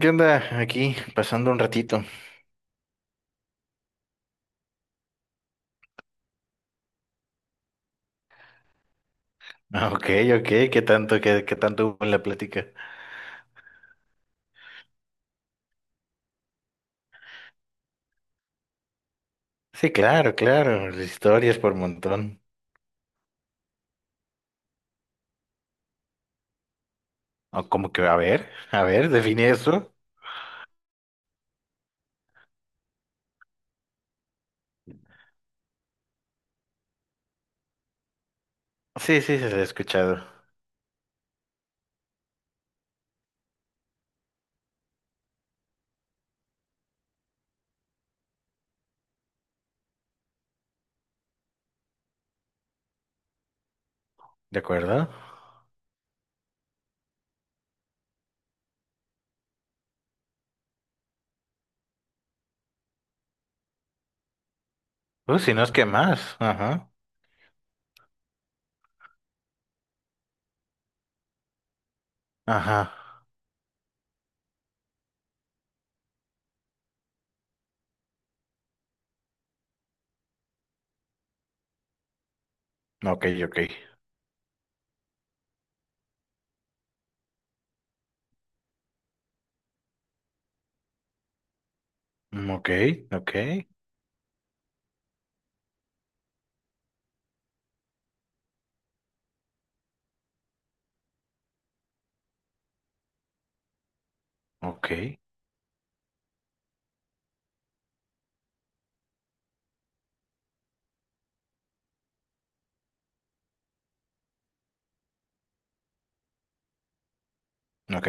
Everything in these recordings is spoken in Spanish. ¿Qué onda? Aquí, pasando un ratito. Ah, ok, ok, ¿qué tanto, qué, qué tanto hubo en la plática? Sí, claro, claro, historias por montón. O como que, a ver, define eso. Sí, sí, sí, se lo he escuchado. ¿De acuerdo? Si no es que más. Ajá, ajá. Ok, ok. Mm, ok, ok, ok, ok.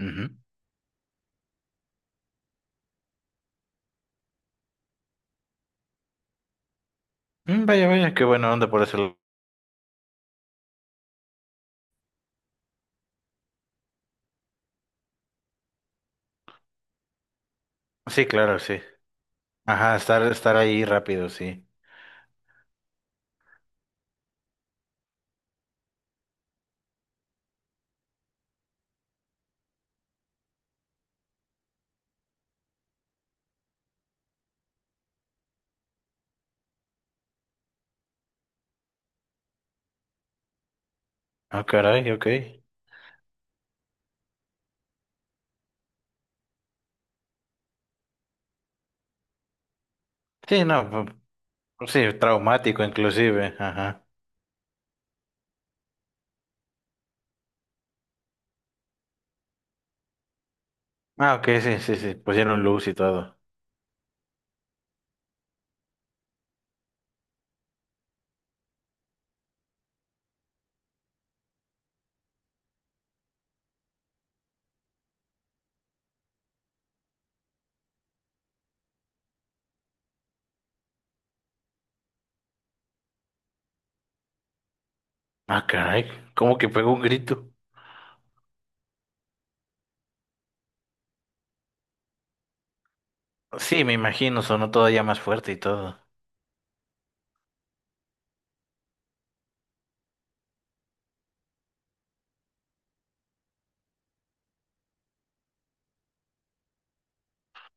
Ujú. Vaya, vaya, qué buena onda por eso. Sí, claro, sí. Ajá, estar, estar ahí rápido, sí. Ah, caray, ok. Sí, no. Sí, traumático inclusive, ajá. Ah, ok, sí, sí, sí, pusieron luz y todo. Ah, caray, ¿cómo que pegó un grito? Sí, me imagino, sonó todavía más fuerte y todo.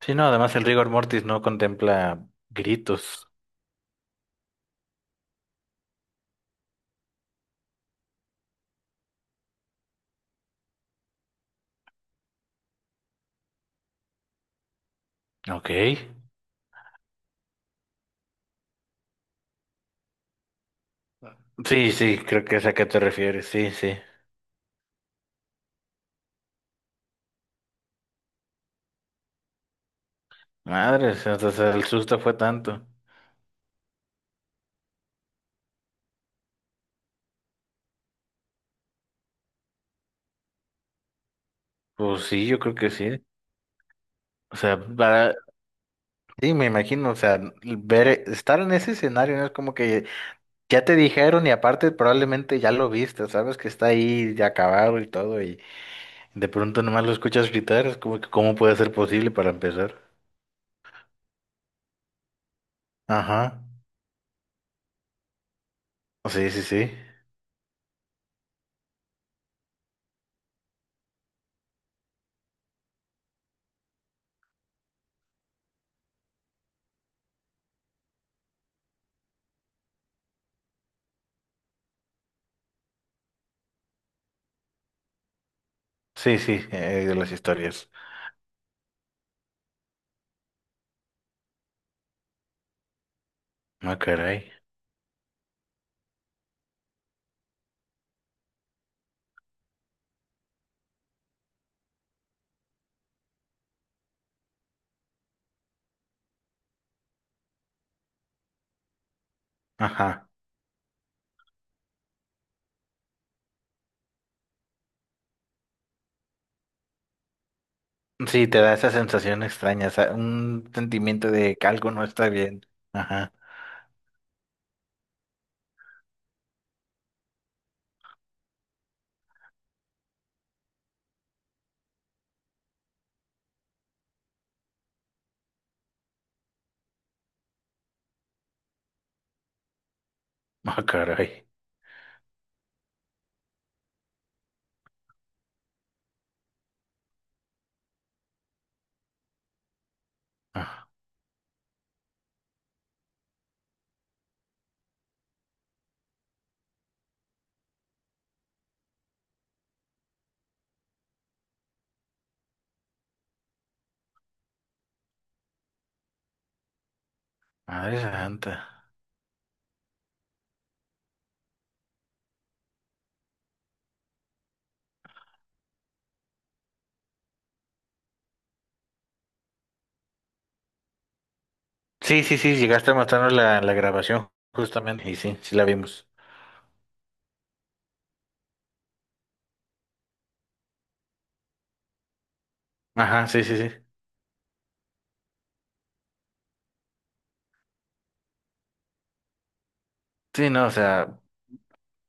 Sí, no, además el rigor mortis no contempla gritos. Ok. Sí, sí, creo que es a qué te refieres, sí, sí. Madres, o sea, el susto fue tanto. Pues sí, yo creo que sí. O sea, para... sí, me imagino, o sea, ver, estar en ese escenario no es como que ya te dijeron y aparte probablemente ya lo viste, sabes que está ahí ya acabado y todo y de pronto nomás lo escuchas gritar, es como que cómo puede ser posible para empezar. Ajá. Sí, sí, sí. Sí, sí, de las historias. Ah, caray. Ajá. Sí, te da esa sensación extraña, esa- un sentimiento de que algo no está bien. Ajá. Ah, caray. Ah, madre santa. Sí, sí, sí, llegaste a mostrarnos la, la grabación justamente y sí, sí la vimos. Ajá, sí, sí, sí. Sí, no, o sea...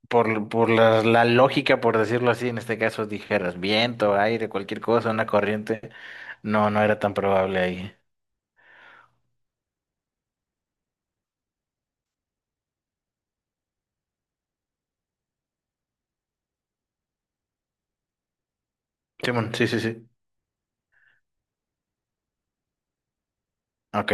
Por la, la lógica, por decirlo así, en este caso dijeras viento, aire, cualquier cosa, una corriente. No, no era tan probable ahí. Simón, sí, sí, sí. Ok.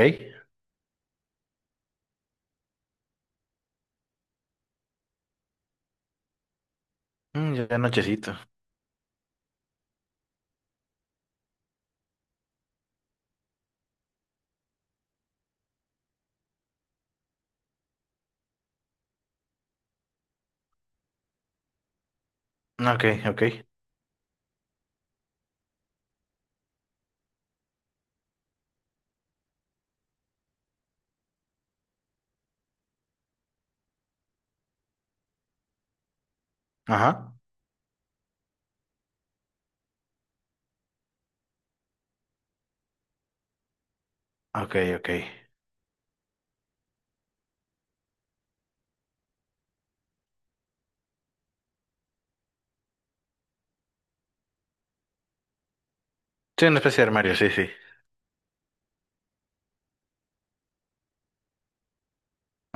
Mm, ya nochecito. Ok, ok. Ajá. Ok, ok. Sí, una especie de armario, sí, sí.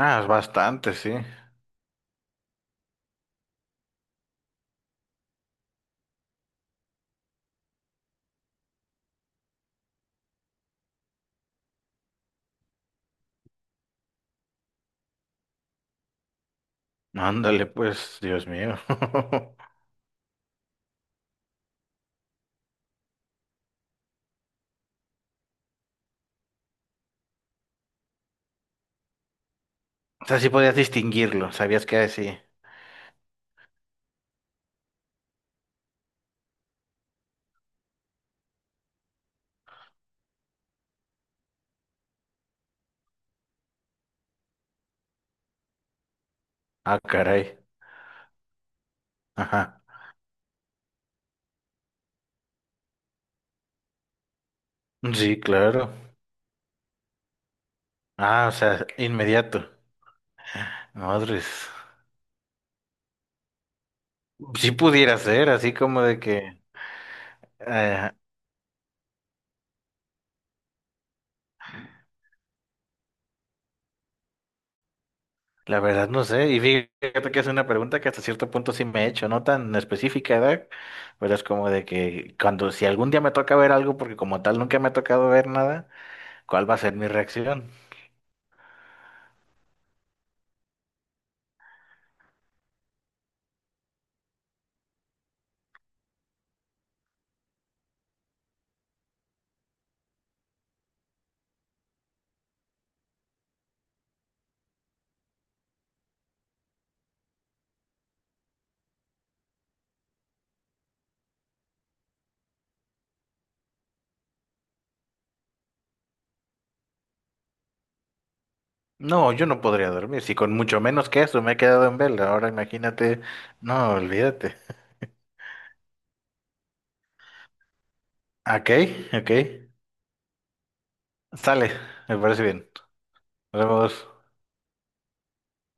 Ah, es bastante, sí. Ándale, pues, Dios mío. O sea, sí podías distinguirlo, sabías que así. Ah, caray. Ajá. Sí, claro. Ah, o sea, inmediato. Madres. Sí pudiera ser, así como de que, eh, la verdad no sé, y fíjate que es una pregunta que hasta cierto punto sí me he hecho, no tan específica, ¿verdad? Pero es como de que cuando, si algún día me toca ver algo, porque como tal nunca me ha tocado ver nada, ¿cuál va a ser mi reacción? No, yo no podría dormir, si con mucho menos que eso me he quedado en vela, ahora imagínate, no, olvídate. Ok, ok, sale, me parece bien. Nos vemos.